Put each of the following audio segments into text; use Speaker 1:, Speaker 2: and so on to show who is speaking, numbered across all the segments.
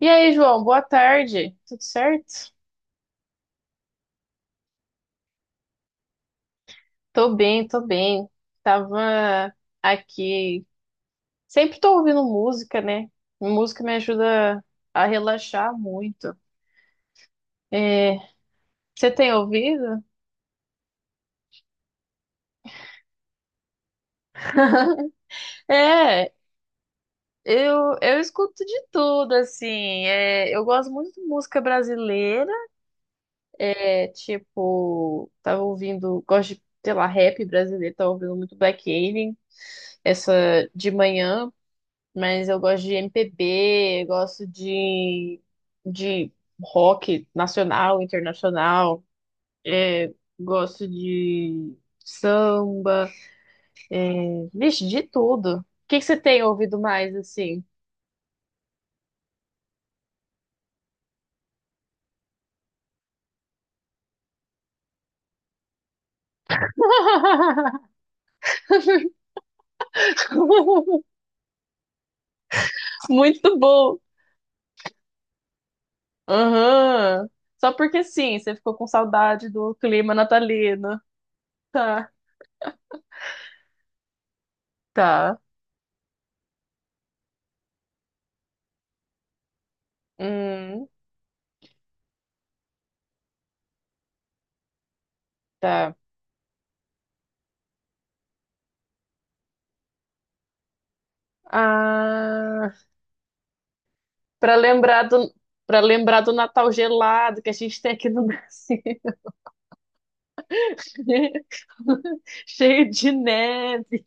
Speaker 1: E aí, João, boa tarde. Tudo certo? Tô bem, tô bem. Tava aqui. Sempre tô ouvindo música, né? Música me ajuda a relaxar muito. É, você tem ouvido? É, eu escuto de tudo, assim. É, eu gosto muito de música brasileira. É, tipo, tava ouvindo, gosto de, sei lá, rap brasileiro, tava ouvindo muito Black Alien, essa de manhã. Mas eu gosto de MPB, eu gosto de rock nacional, internacional, é, gosto de samba, vixe, de tudo. O que que você tem ouvido mais assim? Muito bom. Aham. Só porque sim, você ficou com saudade do clima natalino. Tá, tá. Hum, tá. Ah. Para lembrar do, para lembrar do Natal gelado que a gente tem aqui no Brasil, cheio de neve.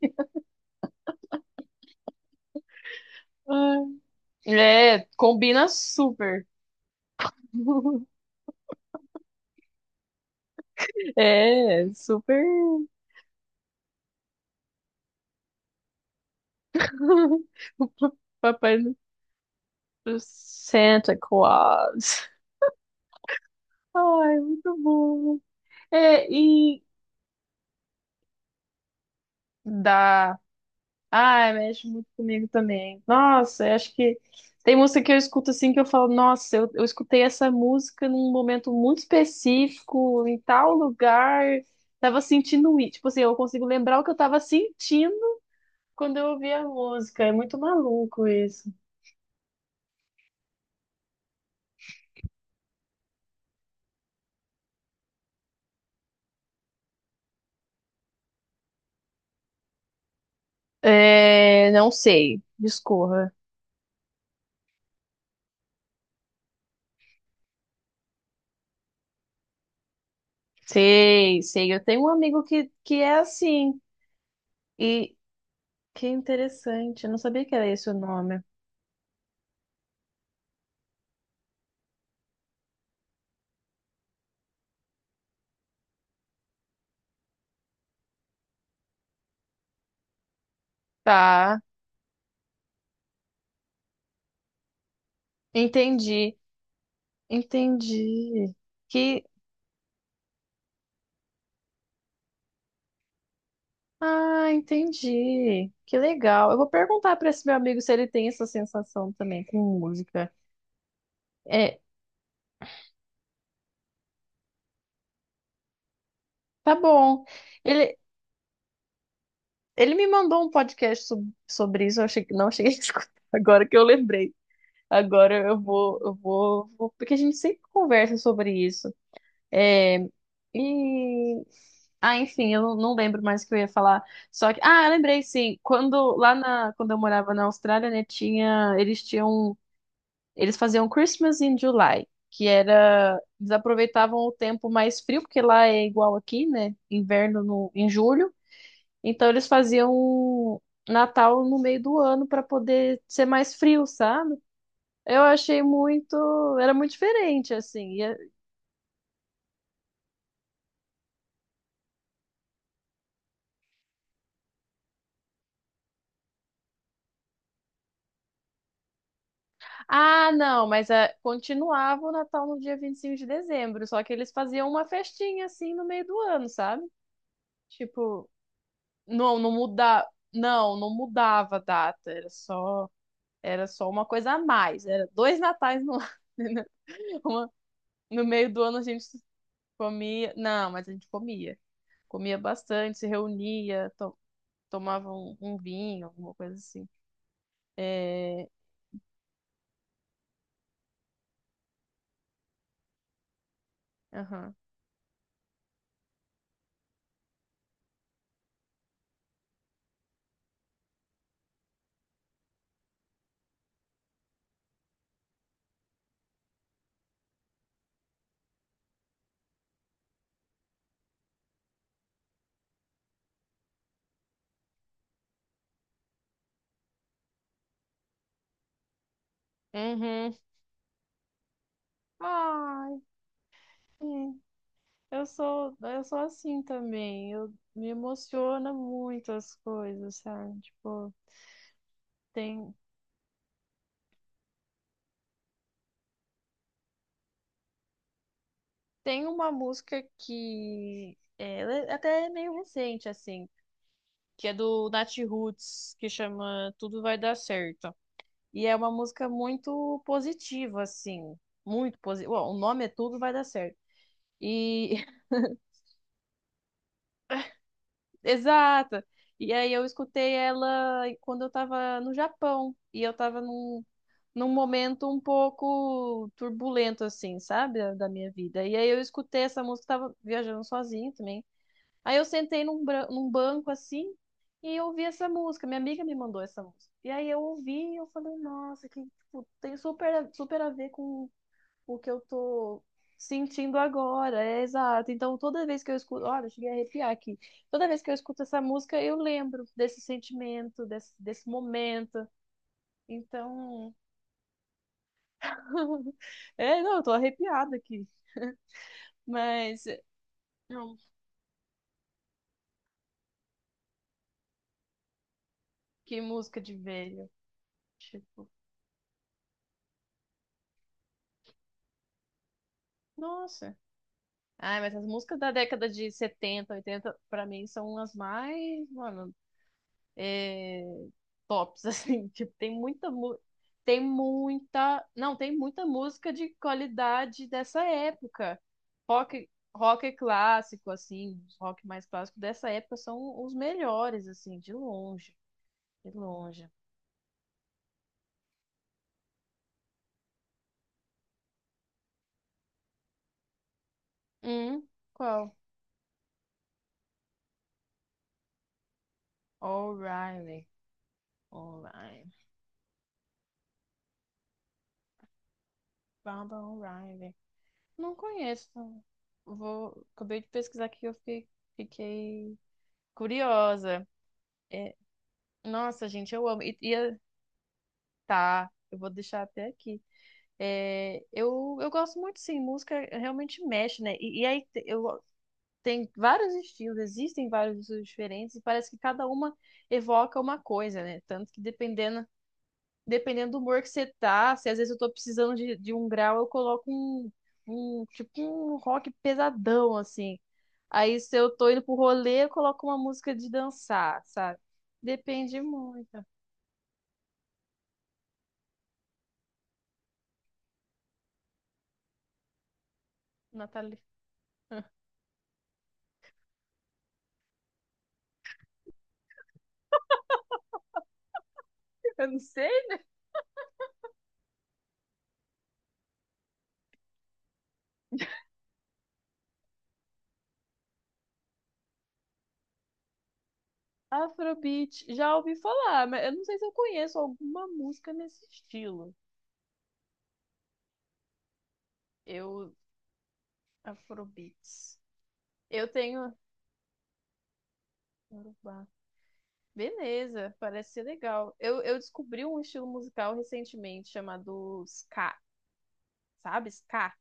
Speaker 1: É, combina super. É, super. O Papai do Santa Claus. Ai, muito bom. É, e da. Ai, mexe muito comigo também. Nossa, eu acho que tem música que eu escuto assim que eu falo, nossa, eu escutei essa música num momento muito específico, em tal lugar, tava sentindo isso. Tipo assim, eu consigo lembrar o que eu tava sentindo quando eu ouvi a música. É muito maluco isso. É, não sei, discorra. Sei, sei. Eu tenho um amigo que é assim. E que interessante, eu não sabia que era esse o nome. Tá, entendi. Entendi. Que entendi. Que legal. Eu vou perguntar para esse meu amigo se ele tem essa sensação também com música. É, tá bom. Ele ele me mandou um podcast sobre isso. Eu achei que não cheguei a escutar. Agora que eu lembrei. Agora porque a gente sempre conversa sobre isso. É, e ah, enfim, eu não lembro mais o que eu ia falar. Só que, ah, eu lembrei sim. Quando lá na, quando eu morava na Austrália, né, tinha, eles tinham. Eles faziam Christmas in July, que era. Eles aproveitavam o tempo mais frio, porque lá é igual aqui, né? Inverno no, em julho. Então eles faziam Natal no meio do ano para poder ser mais frio, sabe? Eu achei muito. Era muito diferente, assim. Ah, não, mas é, continuava o Natal no dia 25 de dezembro, só que eles faziam uma festinha, assim, no meio do ano, sabe? Tipo, não, não mudava. Não, não mudava a data, era só. Era só uma coisa a mais. Era dois natais no ano. Entendeu? Uma- No meio do ano a gente comia. Não, mas a gente comia. Comia bastante, se reunia, tomava um, um vinho, alguma coisa assim. É... Aham. Uhum. Ai, sim. Eu sou assim também. Eu me emociona muito as coisas, sabe? Tipo, tem, tem uma música que é, ela é até meio recente, assim. Que é do Natiruts, que chama Tudo Vai Dar Certo. E é uma música muito positiva, assim. Muito positiva. O nome é Tudo Vai Dar Certo. E. Exata! E aí eu escutei ela quando eu tava no Japão. E eu tava num, num momento um pouco turbulento, assim, sabe? Da, da minha vida. E aí eu escutei essa música, tava viajando sozinha também. Aí eu sentei num, num banco assim e eu ouvi essa música. Minha amiga me mandou essa música. E aí eu ouvi e eu falei, nossa, que tipo, tem super, super a ver com o que eu tô sentindo agora. É exato. Então toda vez que eu escuto, olha, eu cheguei a arrepiar aqui. Toda vez que eu escuto essa música, eu lembro desse sentimento, desse, desse momento. Então, é, não, eu tô arrepiada aqui. Mas, não, que música de velho. Tipo, nossa. Ai, mas as músicas da década de 70, 80, pra mim, são as mais, mano, é, tops, assim. Tipo, tem muita, mu- tem muita, não, tem muita música de qualidade dessa época. Rock, rock clássico, assim, os rock mais clássico dessa época são os melhores, assim, de longe, de longe. Hum, qual? O'Reilly, O'Reilly, Baba O'Reilly. Não conheço. Vou... Acabei de pesquisar aqui, eu fiquei, fiquei curiosa. É, nossa, gente, eu amo. Tá, eu vou deixar até aqui. É, eu gosto muito, sim, música realmente mexe, né? E aí te- eu tem vários estilos, existem vários estilos diferentes, e parece que cada uma evoca uma coisa, né? Tanto que dependendo do humor que você tá, se às vezes eu tô precisando de um grau, eu coloco um, um, tipo um rock pesadão, assim. Aí se eu tô indo pro rolê, eu coloco uma música de dançar, sabe? Depende muito, Natália. Eu não sei. Afrobeat, já ouvi falar, mas eu não sei se eu conheço alguma música nesse estilo. Eu, Afrobeats. Eu tenho. Yorubá. Beleza, parece ser legal. Eu descobri um estilo musical recentemente chamado Ska. Sabe? Ska,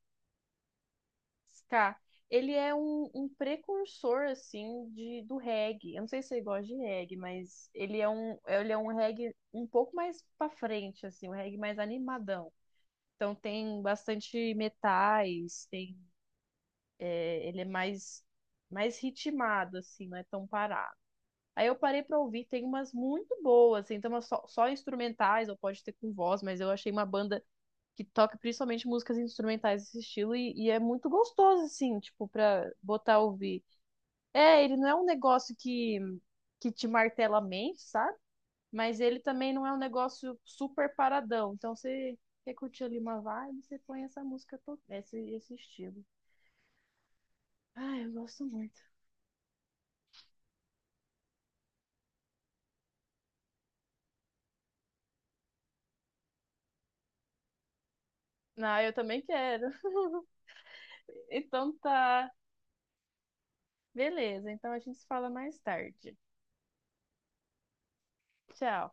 Speaker 1: ska. Ele é um, um precursor, assim, de, do reggae. Eu não sei se você gosta de reggae, mas ele é um reggae um pouco mais pra frente, assim, um reggae mais animadão. Então tem bastante metais, tem, é, ele é mais, mais ritmado, assim, não é tão parado. Aí eu parei pra ouvir, tem umas muito boas, assim, tem umas só, só instrumentais, ou pode ter com voz, mas eu achei uma banda que toca principalmente músicas instrumentais desse estilo e é muito gostoso, assim, tipo, pra botar ouvir. É, ele não é um negócio que te martela a mente, sabe? Mas ele também não é um negócio super paradão. Então você quer curtir ali uma vibe, você põe essa música, esse, esse estilo. Ai, eu gosto muito. Ah, eu também quero. Então tá. Beleza, então a gente se fala mais tarde. Tchau.